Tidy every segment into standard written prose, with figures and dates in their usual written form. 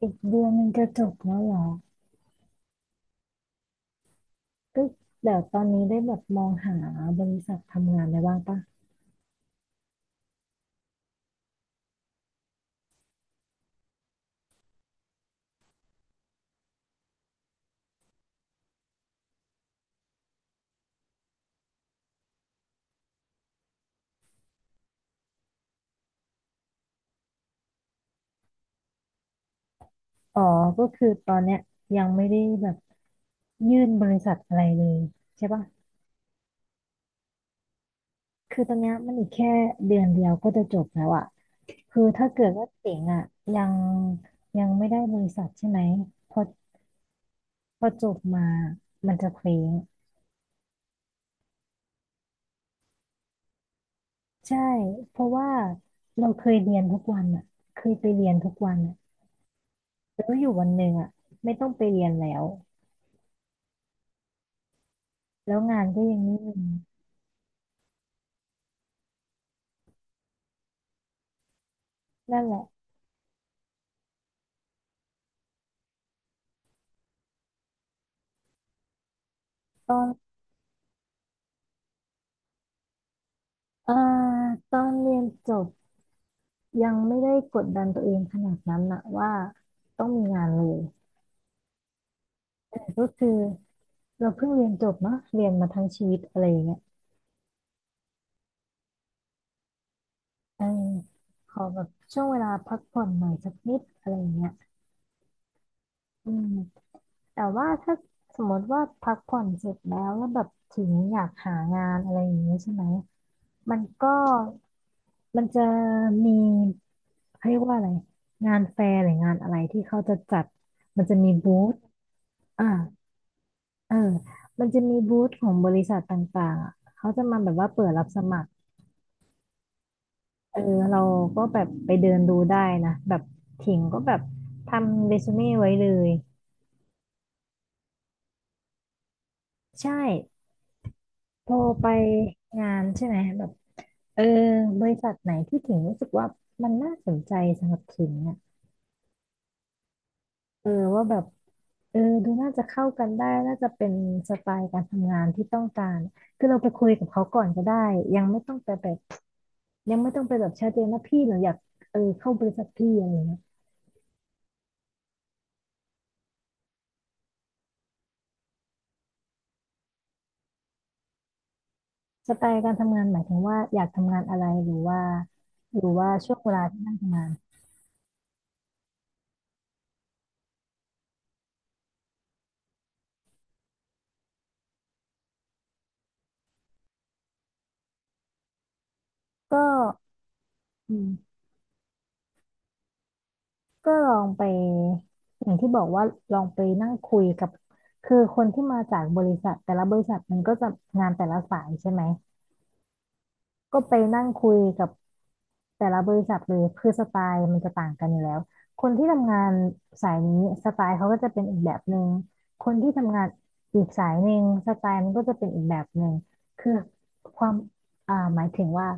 อีกเดือนมันจะจบแล้วเหรอ ก็เดี๋ยวตอนนี้ได้แบบมองหาบริษัททำงานอะไรบ้างปะอ๋อก็คือตอนเนี้ยยังไม่ได้แบบยื่นบริษัทอะไรเลยใช่ปะคือตอนเนี้ยมันอีกแค่เดือนเดียวก็จะจบแล้วอะคือถ้าเกิดว่าเจ๋งอะยังยังไม่ได้บริษัทใช่ไหมพอพอจบมามันจะเคว้งใช่เพราะว่าเราเคยเรียนทุกวันอะเคยไปเรียนทุกวันอะแล้วอยู่วันหนึ่งอะไม่ต้องไปเรียนแล้ว แล้วงานก็ยังไม่มีนั่นแหละตอนเอ่อตอนเรียนจบยังไม่ได้กดดันตัวเองขนาดนั้นนะว่าต้องมีงานเลยก็คือเราเพิ่งเรียนจบเนาะเรียนมาทั้งชีวิตอะไรอย่างเงี้ยเออขอแบบช่วงเวลาพักผ่อนหน่อยสักนิดอะไรอย่างเงี้ยอืมแต่ว่าถ้าสมมติว่าพักผ่อนเสร็จแล้วแล้วแบบถึงอยากหางานอะไรอย่างเงี้ยใช่ไหมมันก็มันจะมี เขาเรียกว่าอะไรงานแฟร์หรืองานอะไรที่เขาจะจัดมันจะมีบูธอ่าเออมันจะมีบูธของบริษัทต่างๆอ่ะเขาจะมาแบบว่าเปิดรับสมัครเออเราก็แบบไปเดินดูได้นะแบบถิงก็แบบทำเรซูเม่ไว้เลยใช่พอไปงานใช่ไหมแบบเออบริษัทไหนที่ถิงรู้สึกว่ามันน่าสนใจสำหรับถิงอ่ะเออว่าแบบ เออดูน่าจะเข้ากันได้น่าจะเป็นสไตล์การทำงานที่ต้องการคือเราไปคุยกับเขาก่อนก็ได้ยังไม่ต้องไปแบบยังไม่ต้องไปแบบชัดเจนนะพี่หนูอยากเออเข้าบริษัทพี่อะไรเงี้ยสไตล์การทำงานหมายถึงว่าอยากทำงานอะไรหรือว่าช่วงเวลาที่นั่งทำงานก็อืมก็ลองไปอย่างที่บอกว่าลองไปนั่งคุยกับคือคนที่มาจากบริษัทแต่ละบริษัทมันก็จะงานแต่ละสายใช่ไหม ก็ไปนั่งคุยกับแต่ละบริษัทเลยคือสไตล์มันจะต่างกันอยู่แล้ว คนที่ทำงานสายนี้สไตล์เขาก็จะเป็นอีกแบบหนึ่งคนที่ทำงานอีกสายหนึ่งสไตล์มันก็จะเป็นอีกแบบหนึ่งคือความหมายถึงว่า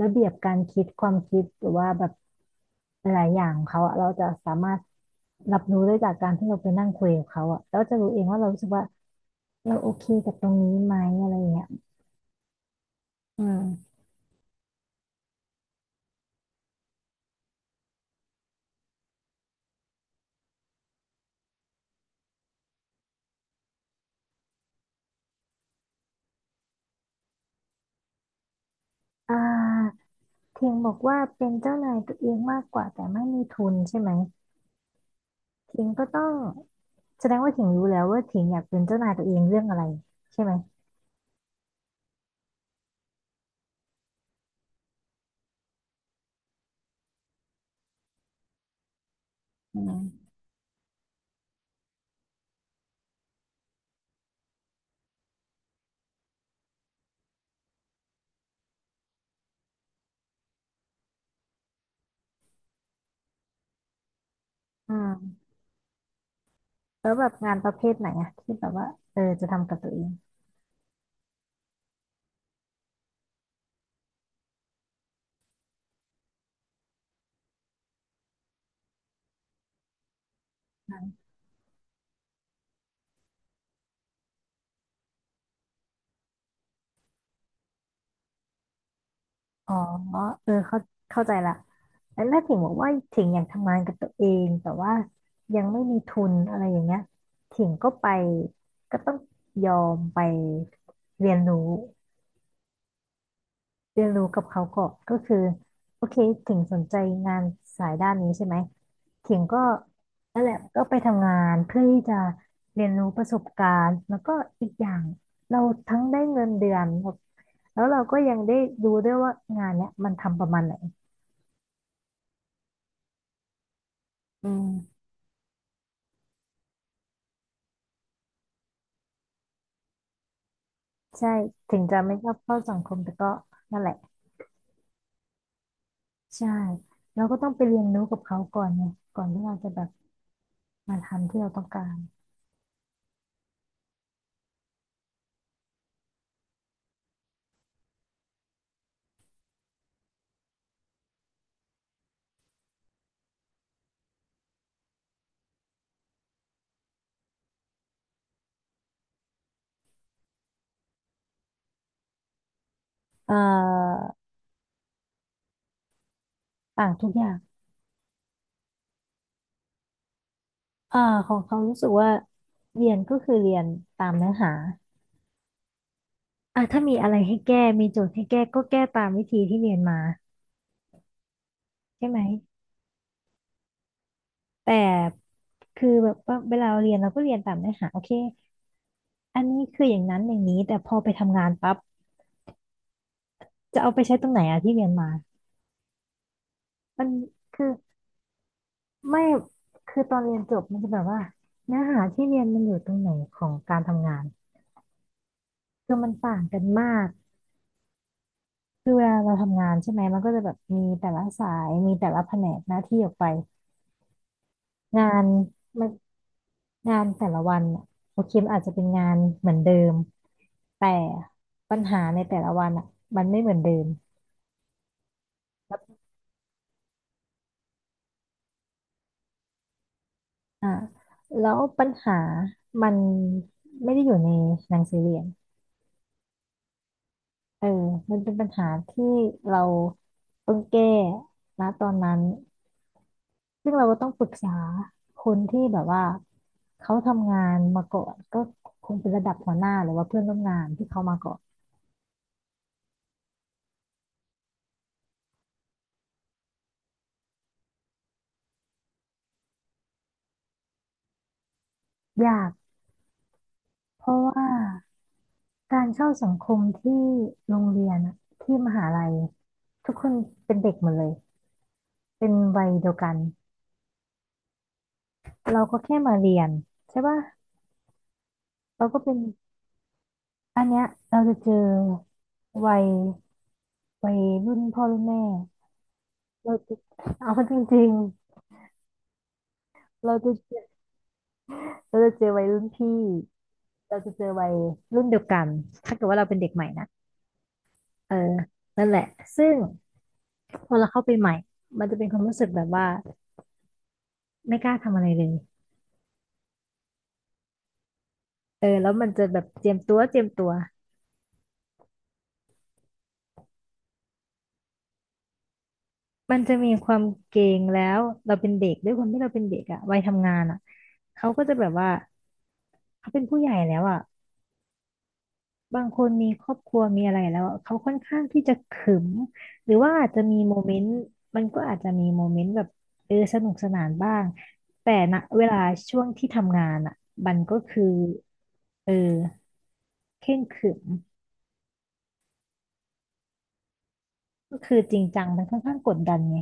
ระเบียบการคิดความคิดหรือว่าแบบหลายๆอย่างของเขาอะเราจะสามารถรับรู้ได้จากการที่เราไปนั่งคุยกับเขาอะแล้วจะรู้เองว่าเรารู้สึกว่าเราโอเคกับตรงนี้ไหมอะไรอย่างเงี้ยอืมอ่า เพียงบอกว่าเป็นเจ้านายตัวเองมากกว่าแต่ไม่มีทุนใช่ไหมถิงก็ต้องแสดงว่าถิงรู้แล้วว่าถิงอยากเป็นเจ้านายตัวเองเรื่องอะไรใช่ไหมอืมอาแล้วแบบงานประเภทไหนอะที่แบบว่าเออจะทำกับตัวเองอ๋อเออเข้าใจละแล้วถ้าถิงบอกว่าถิงอยากทำงานกับตัวเองแต่ว่ายังไม่มีทุนอะไรอย่างเงี้ยถิงก็ไปก็ต้องยอมไปเรียนรู้ เรียนรู้กับเขาก่อนก็คือโอเคถึงสนใจงานสายด้านนี้ใช่ไหมถึงก็นั่นแหละก็ไปทำงานเพื่อที่จะเรียนรู้ประสบการณ์แล้วก็อีกอย่างเราทั้งได้เงินเดือนแล้วแล้วเราก็ยังได้ดูด้วยว่างานเนี้ยมันทำประมาณไหนอืมใช่ถึงจะไม่ชอบเข้าสังคมแต่ก็นั่นแหละใช่เราก็ต้องไปเรียนรู้กับเขาก่อนไงก่อนที่เราจะแบบมาทำที่เราต้องการเอ่อต่าทุกอย่าง เอ่อของเขารู้สึกว่าเรียนก็คือเรียนตามเนื้อหาอ่ะถ้ามีอะไรให้แก้มีโจทย์ให้แก้ก็แก้ตามวิธีที่เรียนมาใช่ไหมแต่คือแบบว่าเวลาเราเรียนเราก็เรียนตามเนื้อหาโอเคอันนี้คืออย่างนั้นอย่างนี้แต่พอไปทำงานปั๊บจะเอาไปใช้ตรงไหนอะที่เรียนมามันคือไม่คือตอนเรียนจบมันจะแบบว่าเนื้อหาที่เรียนมันอยู่ตรงไหนของการทำงานคือมันต่างกันมากคือเวลาเราทำงานใช่ไหมมันก็จะแบบมีแต่ละสายมีแต่ละแผนกหน้าที่ออกไป งานมันงานแต่ละวันอะโอเคมันอาจจะเป็นงานเหมือนเดิมแต่ปัญหาในแต่ละวันอ่ะมันไม่เหมือนเดิมแลอ่าแล้วปัญหามันไม่ได้อยู่ในหนังสือเรียนเออมันเป็นปัญหาที่เราต้องแก้นะตอนนั้นซึ่งเราก็ต้องปรึกษาคนที่แบบว่าเขาทำงานมาก่อนก็คงเป็นระดับหัวหน้าหรือว่าเพื่อนร่วมงานที่เขามาก่อนยากเพราะว่า การเข้าสังคมที่โรงเรียนอะที่มหาลัยทุกคนเป็นเด็กหมดเลยเป็นวัยเดียวกันเราก็แค่มาเรียนใช่ป่ะเราก็เป็นอันเนี้ยเราจะเจอวัยวัยรุ่นพ่อรุ่นแม่เราจะเอาจริงๆเราจะเจอวัยรุ่นพี่เราจะเจอวัยรุ่นเดียวกันถ้าเกิดว่าเราเป็นเด็กใหม่นะเออนั่นแหละซึ่งพอเราเข้าไปใหม่มันจะเป็นความรู้สึกแบบว่าไม่กล้าทำอะไรเลย เออแล้วมันจะแบบเจียมตัวเจียมตัวมันจะมีความเกรงแล้วเราเป็นเด็กด้วยความที่เราเป็นเด็กอะวัยทำงานอะเขาก็จะแบบว่าเขาเป็นผู้ใหญ่แล้วอะบางคนมีครอบครัวมีอะไรแล้วอะเขาค่อนข้างที่จะขรึมหรือว่าอาจจะมีโมเมนต์มันก็อาจจะมีโมเมนต์แบบเออสนุกสนานบ้างแต่ณเวลาช่วงที่ทำงานอะมันก็คือเออเคร่งขรึมก็คือจริงจังมันค่อนข้างกดดันไง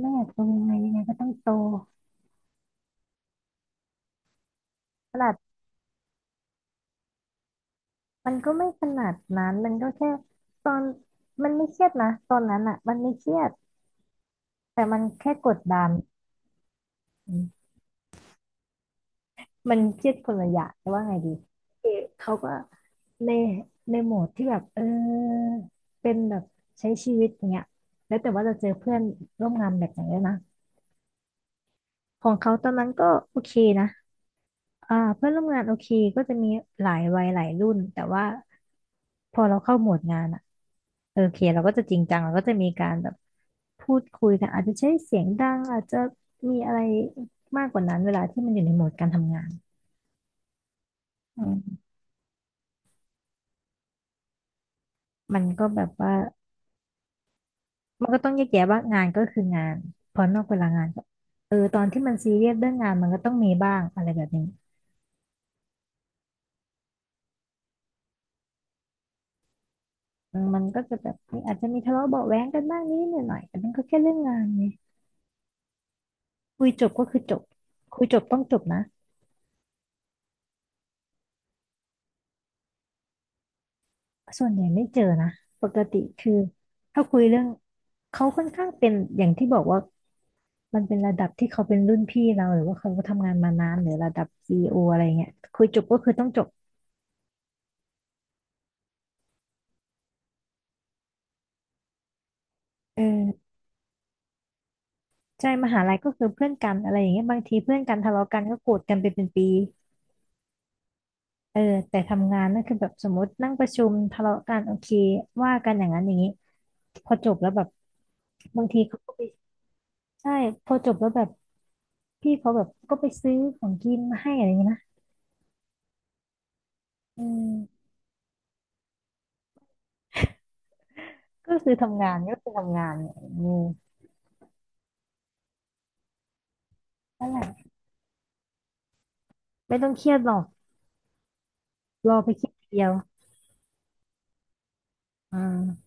แม่โตยังไงยังไงก็ต้องโตตลาด มันก็ไม่ขนาดนั้น มันก็แค่ตอนมันไม่เครียดนะตอนนั้นอ่ะมันไม่เครียดแต่มันแค่กดดันมมันเครียดคนละอย่างแต่ว่าไงดีคือเขาก็ในในโหมดที่แบบเออเป็นแบบใช้ชีวิตอย่างเงี้ยแล้วแต่ว่าจะเจอเพื่อนร่วมงานแบบไหนด้วยนะของเขาตอนนั้นก็โอเคนะอ่าเพื่อนร่วมงานโอเคก็จะมีหลายวัยหลายรุ่นแต่ว่า พอเราเข้าโหมดงานอะเออโอเคเราก็จะจริงจังเราก็จะมีการแบบพูดคุยกันอาจจะใช้เสียงดังอาจจะมีอะไรมากกว่านั้นเวลาที่มันอยู่ในโหมดการทำงานอืมมันก็แบบว่ามันก็ต้องแยกแยะว่างานก็คืองานพอนอกเวลางานก็เออตอนที่มันซีเรียสเรื่องงานมันก็ต้องมีบ้างอะไรแบบนี้อืมมันก็จะแบบมีอาจจะมีทะเลาะเบาะแว้งกันบ้างนิดหน่อยแต่มันก็แค่เรื่องงานไงคุยจบก็คือจบคุยจบต้องจบนะส่วนใหญ่ไม่เจอนะปกติคือถ้าคุยเรื่อง เขาค่อนข้างเป็นอย่างที่บอกว่ามันเป็นระดับที่เขาเป็นรุ่นพี่เราหรือว่าเขาก็ทำงานมานานหรือระดับซีอีโออะไรเงี้ยคุยจบก็คือต้องจบเออใช่มหาลัยก็คือเพื่อนกันอะไรอย่างเงี้ยบางทีเพื่อนกันทะเลาะกันก็โกรธกันไปเป็นปีเออแต่ทำงานนั่นคือแบบสมมตินั่งประชุมทะเลาะกันโอเคว่ากันอย่างนั้นอย่างนี้พอจบแล้วแบบบางทีเขาก็ไปใช่พอจบแล้วแบบพี่เขาแบบก็ไปซื้อของกินมาให้อะไรอย่างเงี้ยนะอืมก็คือทำงานก็คือทำงานเนี่ยอืมนั่นแหละไม่ต้องเครียดหรอก รอไปคิดทีเดียวอ่า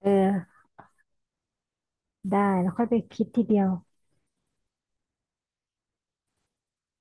เออได้แล้วค่อยไปคิดทีเดียว